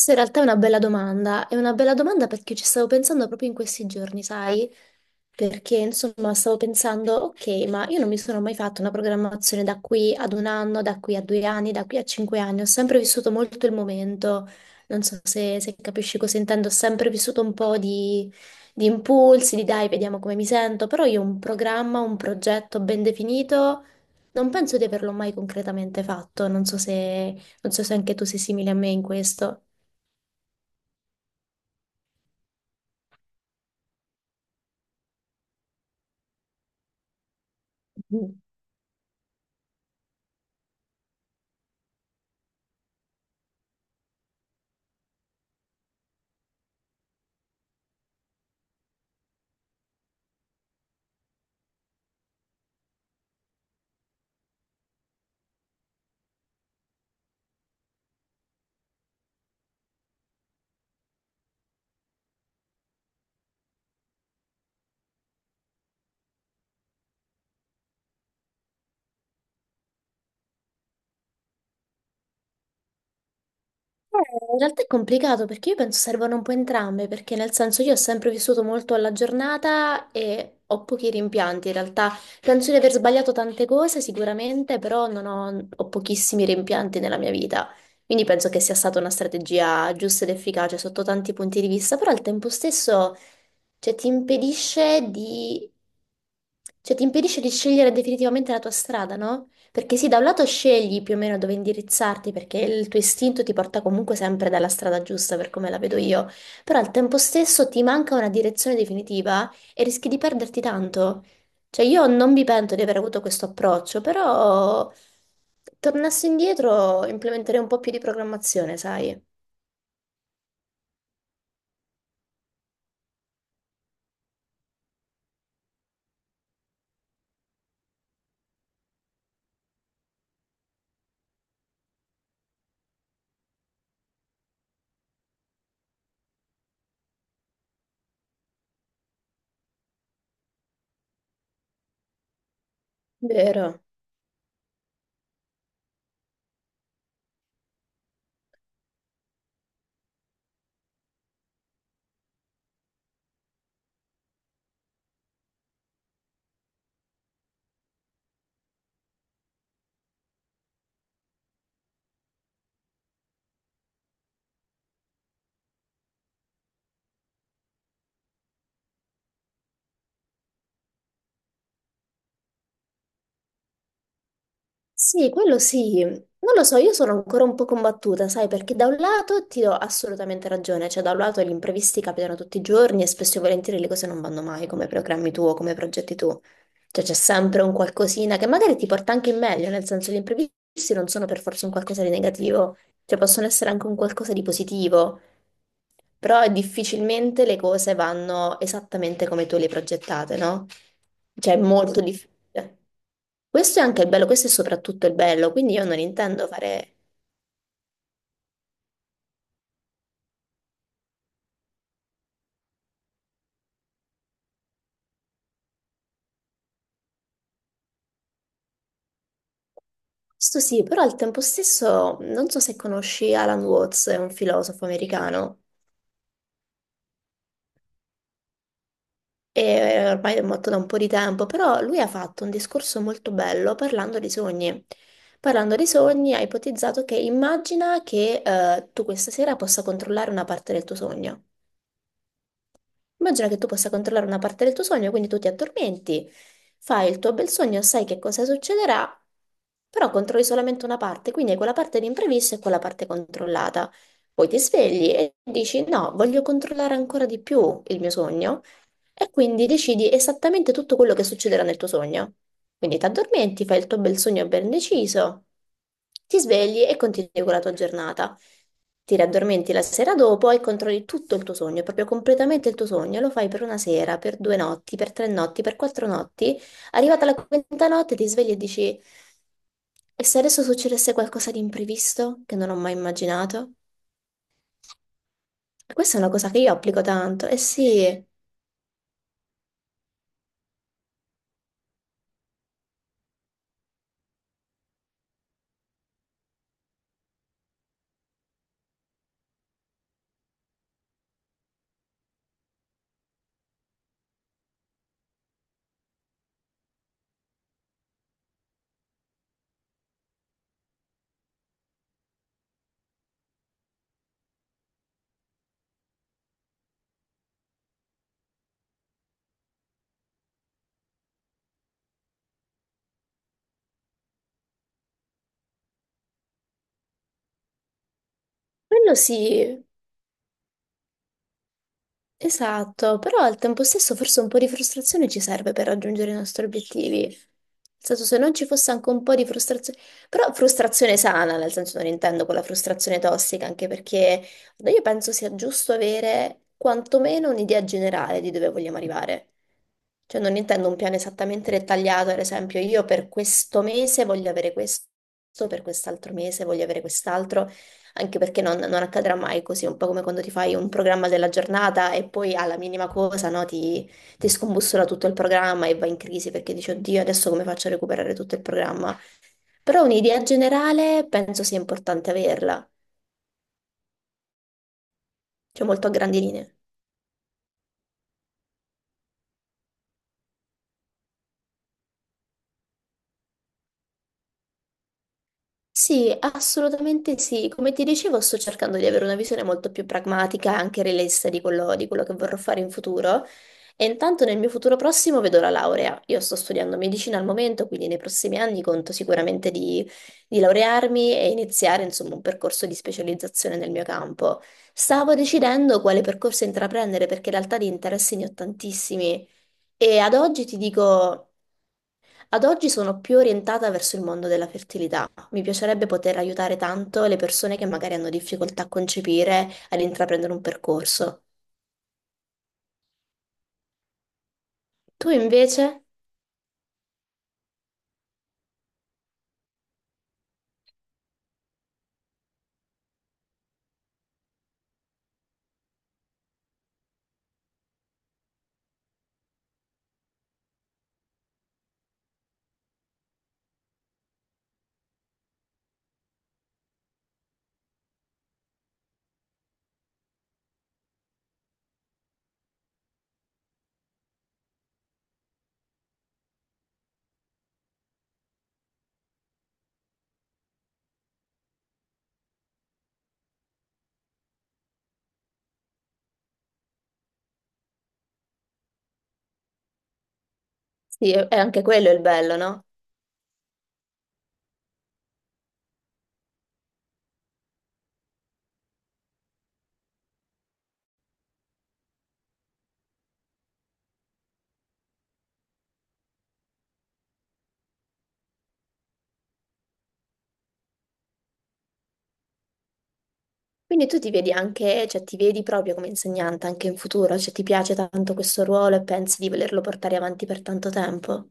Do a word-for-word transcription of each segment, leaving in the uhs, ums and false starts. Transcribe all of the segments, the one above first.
Questa in realtà è una bella domanda, è una bella domanda perché ci stavo pensando proprio in questi giorni, sai? Perché insomma stavo pensando, ok, ma io non mi sono mai fatto una programmazione da qui ad un anno, da qui a due anni, da qui a cinque anni, ho sempre vissuto molto il momento, non so se, se capisci cosa intendo, ho sempre vissuto un po' di, di impulsi, di dai, vediamo come mi sento, però io un programma, un progetto ben definito, non penso di averlo mai concretamente fatto, non so se, non so se anche tu sei simile a me in questo. Mm. Eh, In realtà è complicato perché io penso servano un po' entrambe, perché nel senso io ho sempre vissuto molto alla giornata e ho pochi rimpianti in realtà. Penso di aver sbagliato tante cose sicuramente, però non ho, ho pochissimi rimpianti nella mia vita. Quindi penso che sia stata una strategia giusta ed efficace sotto tanti punti di vista, però al tempo stesso, cioè, ti impedisce di, cioè, ti impedisce di scegliere definitivamente la tua strada, no? Perché sì, da un lato scegli più o meno dove indirizzarti, perché il tuo istinto ti porta comunque sempre dalla strada giusta, per come la vedo io, però al tempo stesso ti manca una direzione definitiva e rischi di perderti tanto. Cioè, io non mi pento di aver avuto questo approccio, però tornassi indietro implementerei un po' più di programmazione, sai? Vero. Sì, quello sì. Non lo so, io sono ancora un po' combattuta, sai, perché da un lato ti do assolutamente ragione, cioè da un lato gli imprevisti capitano tutti i giorni e spesso e volentieri le cose non vanno mai come programmi tu o come progetti tu. Cioè c'è sempre un qualcosina che magari ti porta anche in meglio, nel senso gli imprevisti non sono per forza un qualcosa di negativo, cioè possono essere anche un qualcosa di positivo. Però difficilmente le cose vanno esattamente come tu le hai progettate, no? Cioè, è molto difficile. Questo è anche il bello, questo è soprattutto il bello, quindi io non intendo fare... Questo sì, però al tempo stesso non so se conosci Alan Watts, è un filosofo americano, e ormai è morto da un po' di tempo, però lui ha fatto un discorso molto bello parlando di sogni. Parlando di sogni, ha ipotizzato che immagina che eh, tu questa sera possa controllare una parte del tuo sogno. Immagina che tu possa controllare una parte del tuo sogno, quindi tu ti addormenti, fai il tuo bel sogno, sai che cosa succederà, però controlli solamente una parte, quindi hai quella parte di imprevisto e quella parte controllata. Poi ti svegli e dici no, voglio controllare ancora di più il mio sogno e quindi decidi esattamente tutto quello che succederà nel tuo sogno. Quindi ti addormenti, fai il tuo bel sogno ben deciso, ti svegli e continui con la tua giornata. Ti raddormenti la sera dopo e controlli tutto il tuo sogno, proprio completamente il tuo sogno. Lo fai per una sera, per due notti, per tre notti, per quattro notti. Arrivata la quinta notte ti svegli e dici: e se adesso succedesse qualcosa di imprevisto che non ho mai immaginato? E questa è una cosa che io applico tanto. Eh sì, quello sì. Esatto, però al tempo stesso forse un po' di frustrazione ci serve per raggiungere i nostri obiettivi. Nel senso, se non ci fosse anche un po' di frustrazione, però frustrazione sana, nel senso non intendo quella frustrazione tossica, anche perché io penso sia giusto avere quantomeno un'idea generale di dove vogliamo arrivare. Cioè non intendo un piano esattamente dettagliato, ad esempio io per questo mese voglio avere questo, per quest'altro mese voglio avere quest'altro anche perché non, non accadrà mai così, un po' come quando ti fai un programma della giornata e poi alla minima cosa, no, ti, ti scombussola tutto il programma e vai in crisi perché dici, oddio, adesso come faccio a recuperare tutto il programma? Però un'idea generale penso sia importante averla, cioè molto a grandi linee. Sì, assolutamente sì. Come ti dicevo, sto cercando di avere una visione molto più pragmatica e anche realista di quello, di quello che vorrò fare in futuro. E intanto nel mio futuro prossimo vedo la laurea. Io sto studiando medicina al momento, quindi nei prossimi anni conto sicuramente di, di laurearmi e iniziare, insomma, un percorso di specializzazione nel mio campo. Stavo decidendo quale percorso intraprendere perché in realtà di interessi ne ho tantissimi. E ad oggi ti dico. Ad oggi sono più orientata verso il mondo della fertilità. Mi piacerebbe poter aiutare tanto le persone che magari hanno difficoltà a concepire, ad intraprendere un percorso. Tu invece? Sì, è è anche quello il bello, no? Quindi tu ti vedi anche, cioè ti vedi proprio come insegnante anche in futuro, cioè ti piace tanto questo ruolo e pensi di volerlo portare avanti per tanto tempo?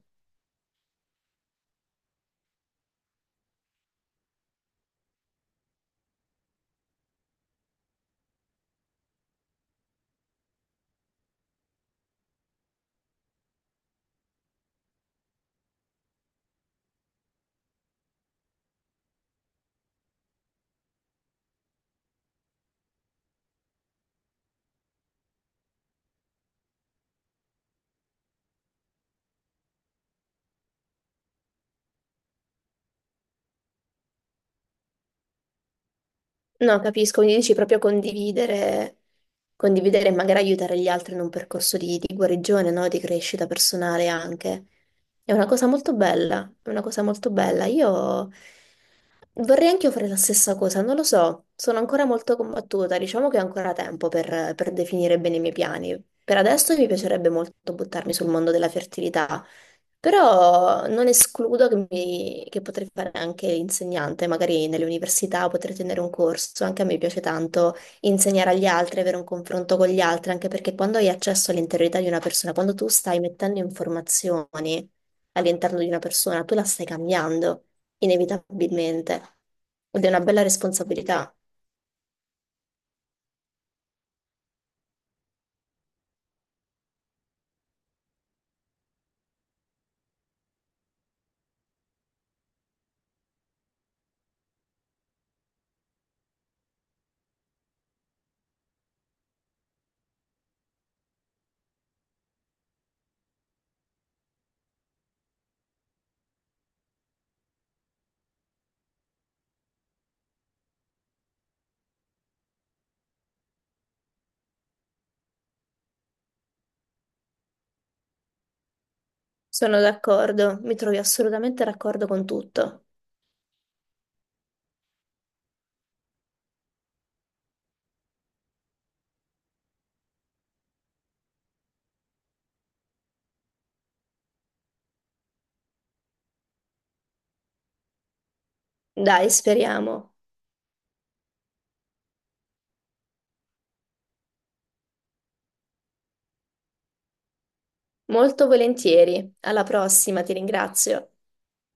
No, capisco, quindi dici proprio condividere, condividere e magari aiutare gli altri in un percorso di, di guarigione, no? Di crescita personale anche. È una cosa molto bella, è una cosa molto bella. Io vorrei anche io fare la stessa cosa, non lo so, sono ancora molto combattuta, diciamo che ho ancora tempo per, per definire bene i miei piani. Per adesso mi piacerebbe molto buttarmi sul mondo della fertilità, però non escludo che, mi- che potrei fare anche insegnante, magari nelle università potrei tenere un corso, anche a me piace tanto insegnare agli altri, avere un confronto con gli altri, anche perché quando hai accesso all'interiorità di una persona, quando tu stai mettendo informazioni all'interno di una persona, tu la stai cambiando inevitabilmente ed è una bella responsabilità. Sono d'accordo, mi trovi assolutamente d'accordo con tutto. Dai, speriamo. Molto volentieri. Alla prossima, ti ringrazio.